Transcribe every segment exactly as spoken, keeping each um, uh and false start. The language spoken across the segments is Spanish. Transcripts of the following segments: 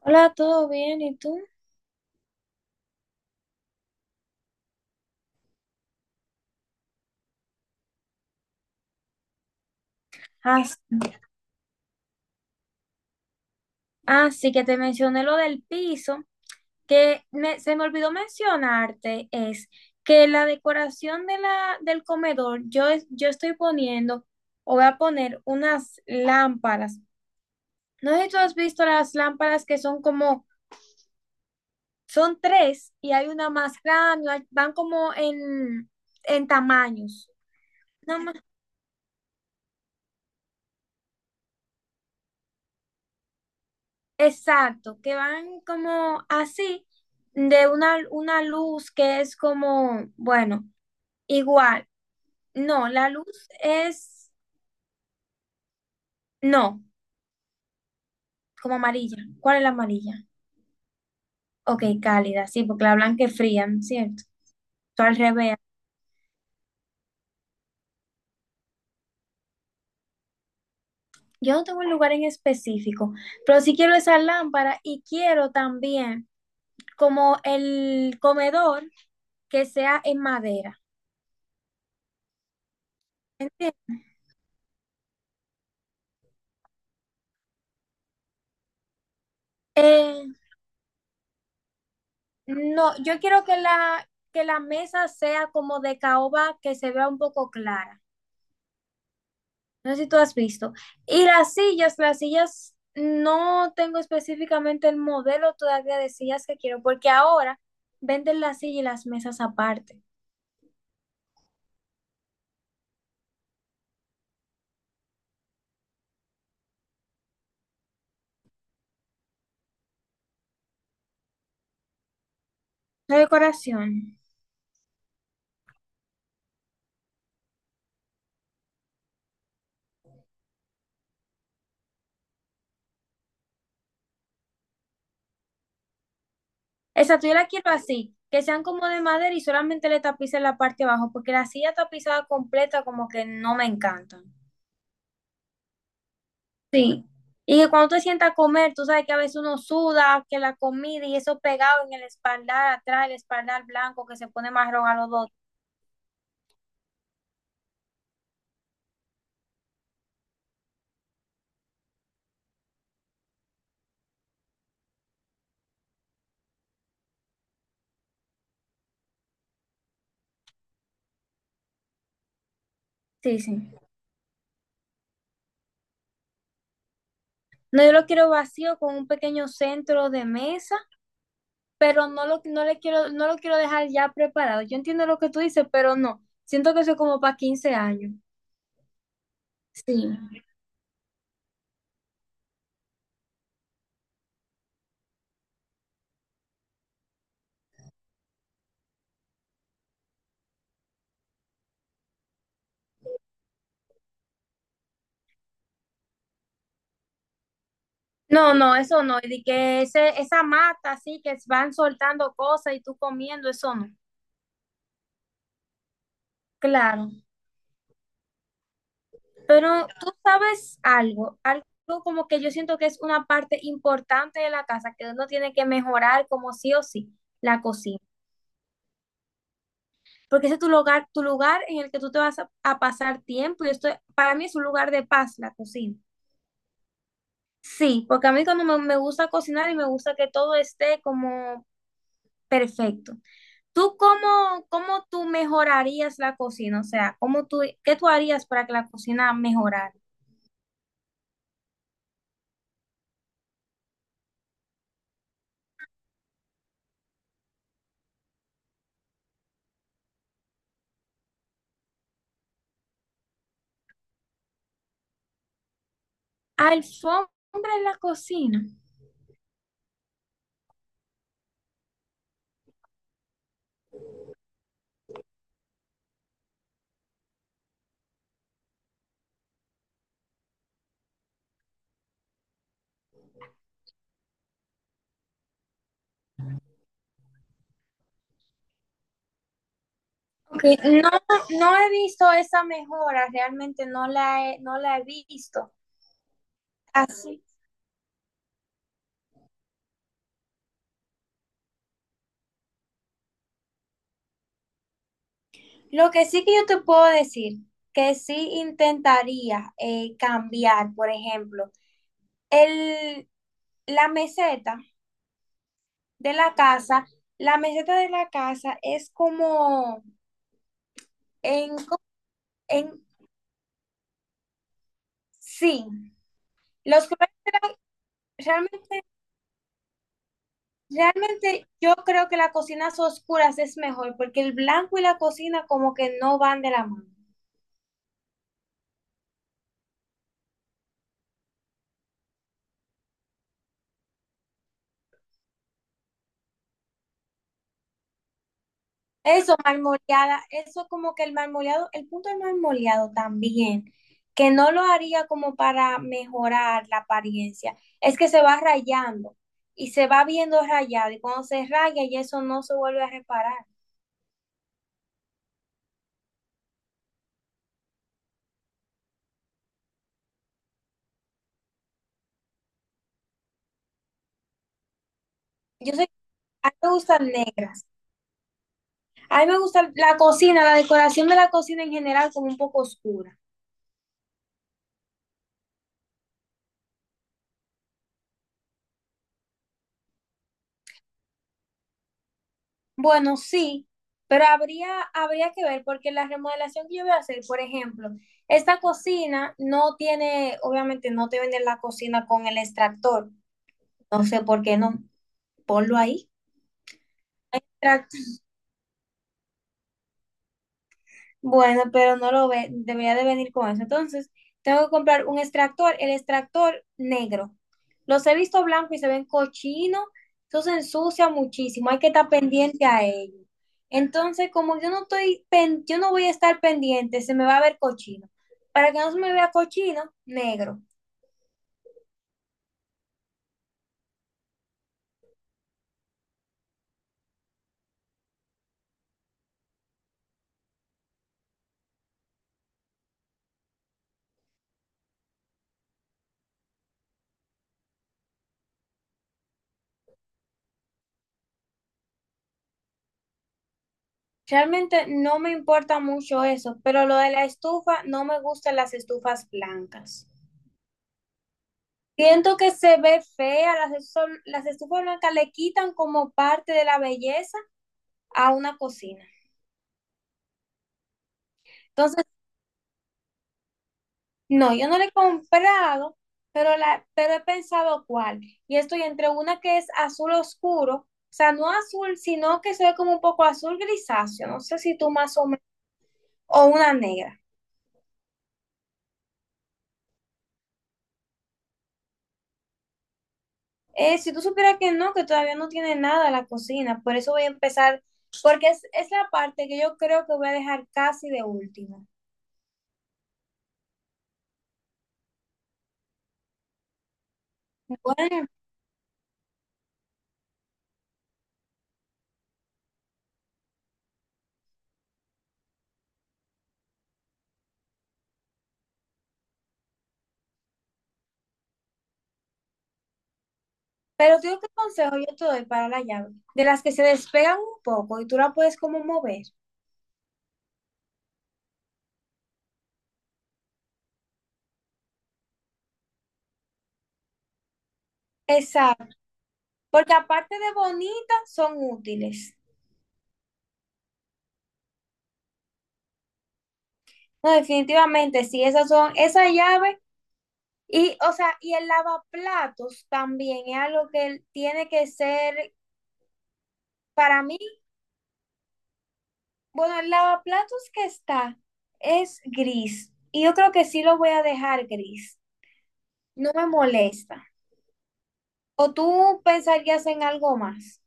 Hola, ¿todo bien? ¿Y tú? Ah, s- ah, sí que te mencioné lo del piso, que me- se me olvidó mencionarte, es que la decoración de la, del comedor, yo, es- yo estoy poniendo o voy a poner unas lámparas. No sé si tú has visto las lámparas que son como, son tres y hay una más grande, hay- van como en, en tamaños. Exacto, que van como así, de una, una luz que es como, bueno, igual. No, la luz es, no, como amarilla. ¿Cuál es la amarilla? Ok, cálida, sí, porque la blanca es fría, ¿no es cierto? Tú al revés. Yo no tengo un lugar en específico, pero sí quiero esa lámpara y quiero también como el comedor que sea en madera. ¿Entiendes? Eh, No, yo quiero que la, que la mesa sea como de caoba que se vea un poco clara. No sé si tú has visto. Y las sillas, las sillas, no tengo específicamente el modelo todavía de sillas que quiero, porque ahora venden las sillas y las mesas aparte. La decoración. Exacto, yo la quiero así, que sean como de madera y solamente le tapice la parte de abajo, porque la silla tapizada completa como que no me encantan. Sí, y que cuando tú te sientas a comer, tú sabes que a veces uno suda, que la comida y eso pegado en el espaldar atrás, el espaldar blanco que se pone marrón a los dos. Sí, sí. No, yo lo quiero vacío con un pequeño centro de mesa, pero no lo, no le quiero, no lo quiero dejar ya preparado. Yo entiendo lo que tú dices, pero no. Siento que eso es como para quince años. Sí. No, no, eso no. Y de que ese, esa mata así que van soltando cosas y tú comiendo, eso no. Claro. Pero tú sabes algo, algo como que yo siento que es una parte importante de la casa, que uno tiene que mejorar como sí o sí, la cocina. Porque ese es tu lugar, tu lugar en el que tú te vas a, a pasar tiempo y esto para mí es un lugar de paz, la cocina. Sí, porque a mí cuando me, me gusta cocinar y me gusta que todo esté como perfecto. ¿Tú cómo, cómo tú mejorarías la cocina? O sea, ¿cómo tú, qué tú harías para que la cocina mejorara? ¿Alfombra en la cocina? Ok. No, no he visto esa mejora, realmente no la he, no la he visto. Así. Lo que sí que yo te puedo decir, que sí intentaría eh, cambiar, por ejemplo, el, la meseta de la casa, la meseta de la casa es como en, co- en, sí, los colores, realmente, realmente yo creo que las cocinas oscuras es mejor, porque el blanco y la cocina como que no van de la mano. Eso, marmoleada, eso como que el marmoleado, el punto del marmoleado también, que no lo haría como para mejorar la apariencia, es que se va rayando y se va viendo rayado y cuando se raya y eso no se vuelve a reparar. Yo sé, a mí me gustan negras, a mí me gusta la cocina, la decoración de la cocina en general como un poco oscura. Bueno, sí, pero habría, habría que ver, porque la remodelación que yo voy a hacer, por ejemplo, esta cocina no tiene, obviamente no te venden la cocina con el extractor, no sé por qué no, ponlo ahí. Bueno, pero no lo ve, debería de venir con eso. Entonces, tengo que comprar un extractor, el extractor negro. Los he visto blancos y se ven cochinos, eso se ensucia muchísimo, hay que estar pendiente a ello. Entonces, como yo no estoy, pen- yo no voy a estar pendiente, se me va a ver cochino. Para que no se me vea cochino, negro. Realmente no me importa mucho eso, pero lo de la estufa, no me gustan las estufas blancas. Siento que se ve fea, las, estu- las estufas blancas le quitan como parte de la belleza a una cocina. Entonces, no, yo no le he comprado, pero, la, pero he pensado cuál. Y estoy entre una que es azul oscuro, o sea, no azul, sino que se ve como un poco azul grisáceo, no sé si tú más o menos, o una negra. Eh, si tú supieras que no, que todavía no tiene nada la cocina, por eso voy a empezar, porque es, es la parte que yo creo que voy a dejar casi de último. Bueno. Pero tú, ¿qué consejo yo te doy para la llave? De las que se despegan un poco y tú la puedes como mover. Exacto. Porque aparte de bonitas, son útiles. No, definitivamente, sí, esas son, esa llave y, o sea, y el lavaplatos también es algo que tiene que ser, para mí, bueno, el lavaplatos que está es gris y yo creo que sí lo voy a dejar gris. No me molesta. ¿O tú pensarías en algo más?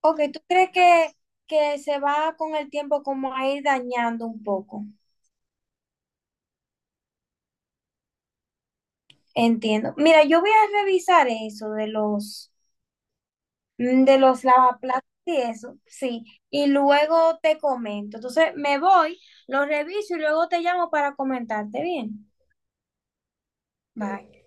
Ok, ¿tú crees que, que se va con el tiempo como a ir dañando un poco? Entiendo. Mira, yo voy a revisar eso de los, mm, de los lavaplatos y eso, sí. Y luego te comento. Entonces me voy, lo reviso y luego te llamo para comentarte bien. Bye.